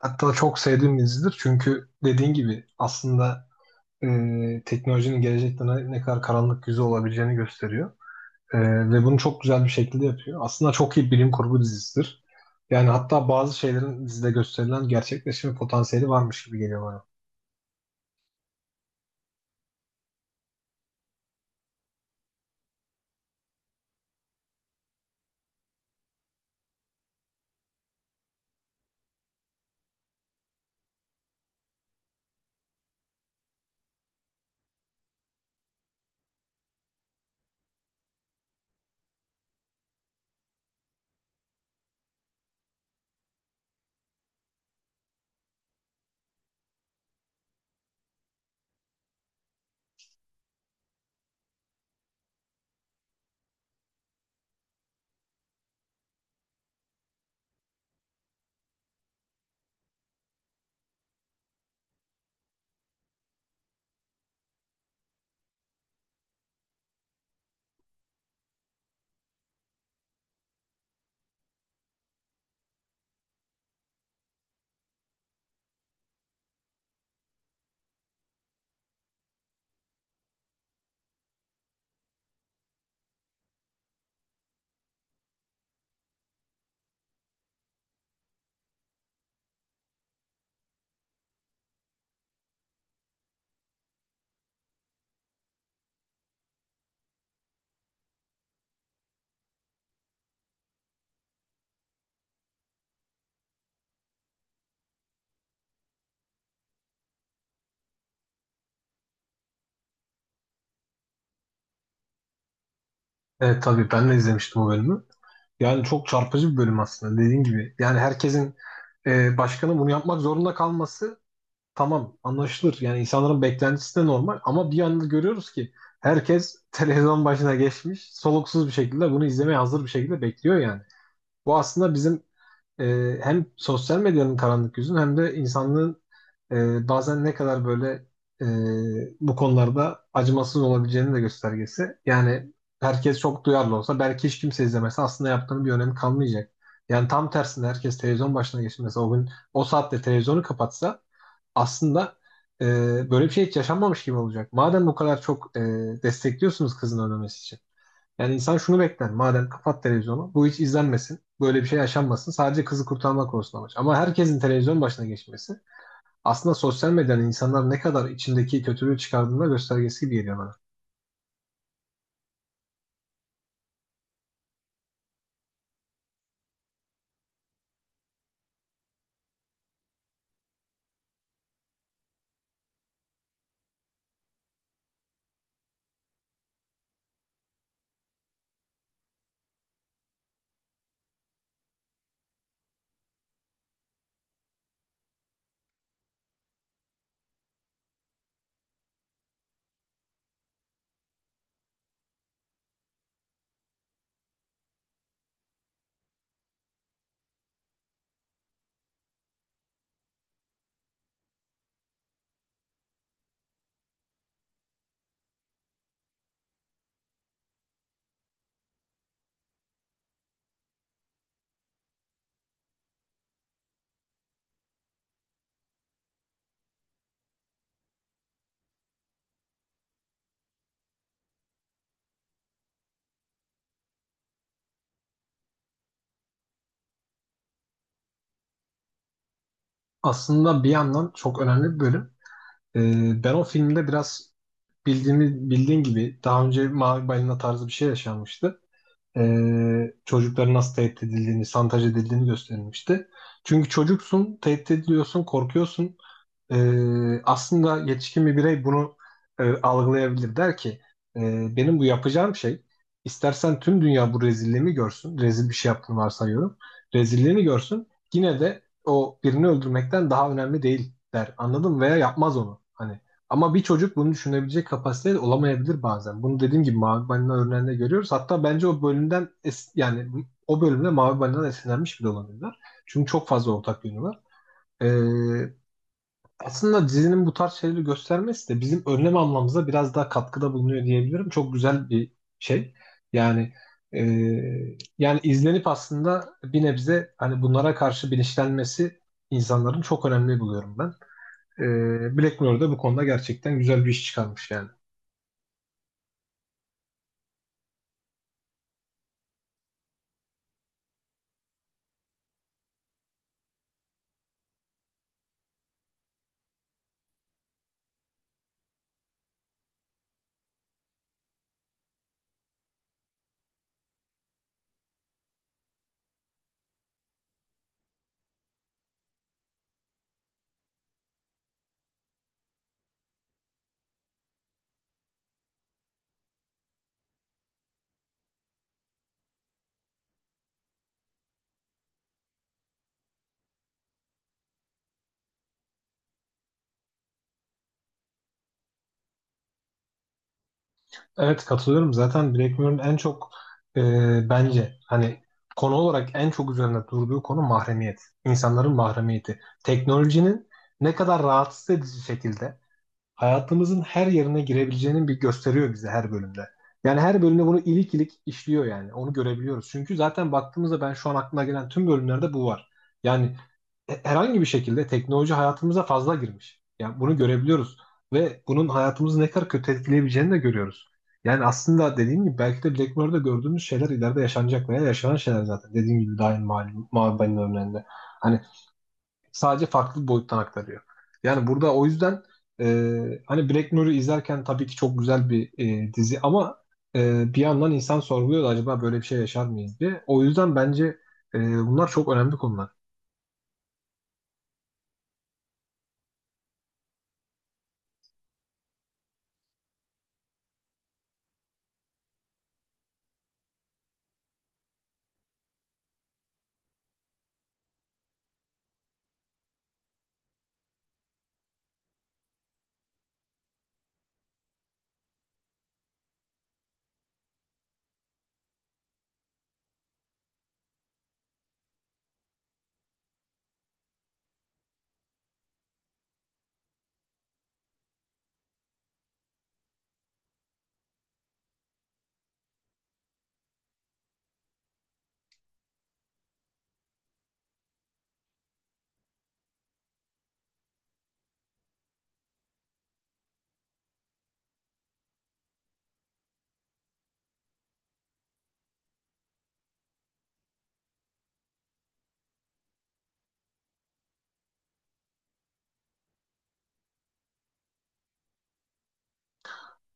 Hatta çok sevdiğim bir dizidir. Çünkü dediğin gibi aslında teknolojinin gelecekte ne kadar karanlık yüzü olabileceğini gösteriyor. E, ve bunu çok güzel bir şekilde yapıyor. Aslında çok iyi bilim kurgu dizisidir. Yani hatta bazı şeylerin dizide gösterilen gerçekleşme potansiyeli varmış gibi geliyor bana. Evet, tabii ben de izlemiştim o bölümü. Yani çok çarpıcı bir bölüm aslında, dediğin gibi. Yani herkesin, başkanın bunu yapmak zorunda kalması tamam, anlaşılır. Yani insanların beklentisi de normal, ama bir anda görüyoruz ki herkes televizyon başına geçmiş, soluksuz bir şekilde bunu izlemeye hazır bir şekilde bekliyor yani. Bu aslında bizim hem sosyal medyanın karanlık yüzünün hem de insanlığın bazen ne kadar böyle e, bu konularda acımasız olabileceğinin de göstergesi. Yani herkes çok duyarlı olsa, belki hiç kimse izlemese, aslında yaptığının bir önemi kalmayacak. Yani tam tersine herkes televizyon başına geçmese, o gün o saatte televizyonu kapatsa aslında e, böyle bir şey hiç yaşanmamış gibi olacak. Madem bu kadar çok destekliyorsunuz kızın ölmemesi için. Yani insan şunu bekler: madem kapat televizyonu, bu hiç izlenmesin. Böyle bir şey yaşanmasın. Sadece kızı kurtarmak olsun amaç. Ama herkesin televizyon başına geçmesi aslında sosyal medyanın insanlar ne kadar içindeki kötülüğü çıkardığında göstergesi gibi geliyor bana. Aslında bir yandan çok önemli bir bölüm. E, Ben o filmde biraz bildiğin gibi daha önce Mavi Balina tarzı bir şey yaşanmıştı. Çocukların nasıl tehdit edildiğini, şantaj edildiğini gösterilmişti. Çünkü çocuksun, tehdit ediliyorsun, korkuyorsun. Aslında yetişkin bir birey bunu algılayabilir. Der ki "E, benim bu yapacağım şey, istersen tüm dünya bu rezilliğimi görsün. Rezil bir şey yaptığını varsayıyorum. Rezilliğini görsün. Yine de o birini öldürmekten daha önemli değil, der. Anladın mı? Veya yapmaz onu. Hani, ama bir çocuk bunu düşünebilecek kapasitede olamayabilir bazen. Bunu dediğim gibi Mavi Balina örneğinde görüyoruz. Hatta bence o bölümden yani o bölümde Mavi Balina'dan esinlenmiş bile olabilirler. Çünkü çok fazla ortak yönü var. Ee, Aslında dizinin bu tarz şeyleri göstermesi de bizim önlem almamıza biraz daha katkıda bulunuyor diyebilirim. Çok güzel bir şey. Yani e, yani izlenip aslında bir nebze hani bunlara karşı bilinçlenmesi insanların çok önemli buluyorum ben. Black Mirror da bu konuda gerçekten güzel bir iş çıkarmış yani. Evet, katılıyorum. Zaten Black Mirror'ın en çok e, bence hani konu olarak en çok üzerinde durduğu konu mahremiyet. İnsanların mahremiyeti. Teknolojinin ne kadar rahatsız edici şekilde hayatımızın her yerine girebileceğinin bir gösteriyor bize her bölümde. Yani her bölümde bunu ilik ilik işliyor yani. Onu görebiliyoruz. Çünkü zaten baktığımızda ben şu an aklıma gelen tüm bölümlerde bu var. Yani herhangi bir şekilde teknoloji hayatımıza fazla girmiş. Yani bunu görebiliyoruz. Ve bunun hayatımızı ne kadar kötü etkileyebileceğini de görüyoruz. Yani aslında dediğim gibi belki de Black Mirror'da gördüğümüz şeyler ileride yaşanacak veya yaşanan şeyler zaten. Dediğim gibi daha yeni malum örneğinde. Hani, sadece farklı bir boyuttan aktarıyor. Yani burada o yüzden hani Black Mirror'ı izlerken tabii ki çok güzel bir dizi, ama bir yandan insan sorguluyor da acaba böyle bir şey yaşar mıyız diye. O yüzden bence bunlar çok önemli konular.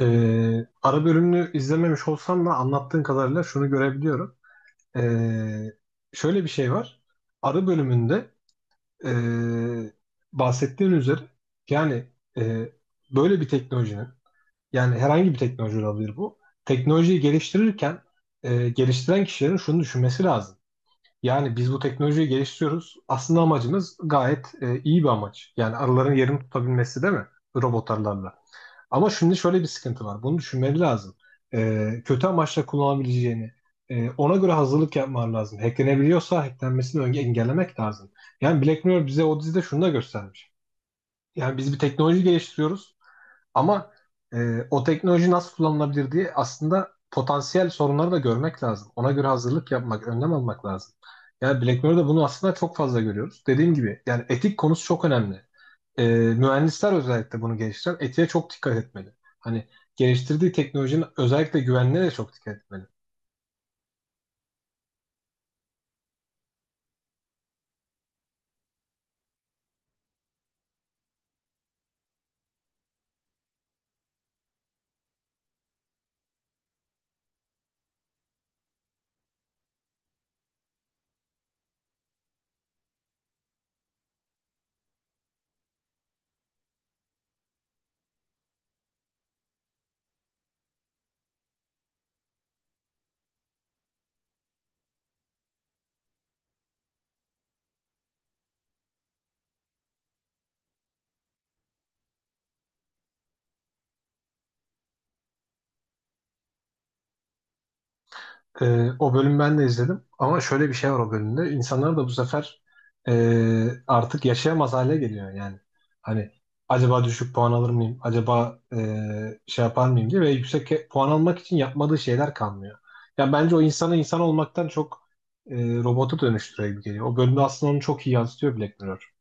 E, Ara bölümünü izlememiş olsam da anlattığın kadarıyla şunu görebiliyorum. E, Şöyle bir şey var. Ara bölümünde e, bahsettiğin üzere, yani e, böyle bir teknolojinin, yani herhangi bir teknoloji olabilir bu. Teknolojiyi geliştirirken geliştiren kişilerin şunu düşünmesi lazım. Yani biz bu teknolojiyi geliştiriyoruz. Aslında amacımız gayet iyi bir amaç. Yani arıların yerini tutabilmesi, değil mi? Robot arılarla. Ama şimdi şöyle bir sıkıntı var. Bunu düşünmeleri lazım. Kötü amaçla kullanabileceğini, ona göre hazırlık yapmaları lazım. Hacklenebiliyorsa hacklenmesini önce engellemek lazım. Yani Black Mirror bize o dizide şunu da göstermiş. Yani biz bir teknoloji geliştiriyoruz. Ama o teknoloji nasıl kullanılabilir diye aslında potansiyel sorunları da görmek lazım. Ona göre hazırlık yapmak, önlem almak lazım. Yani Black Mirror'da bunu aslında çok fazla görüyoruz. Dediğim gibi yani etik konusu çok önemli. Mühendisler özellikle bunu geliştiren etiğe çok dikkat etmeli. Hani geliştirdiği teknolojinin özellikle güvenliğine de çok dikkat etmeli. O bölüm ben de izledim, ama şöyle bir şey var o bölümde. İnsanlar da bu sefer artık yaşayamaz hale geliyor yani. Hani acaba düşük puan alır mıyım? Acaba şey yapar mıyım diye, ve yüksek puan almak için yapmadığı şeyler kalmıyor. Yani bence o insanı insan olmaktan çok e, robota dönüştürüyor gibi geliyor. O bölümde aslında onu çok iyi yansıtıyor Black Mirror.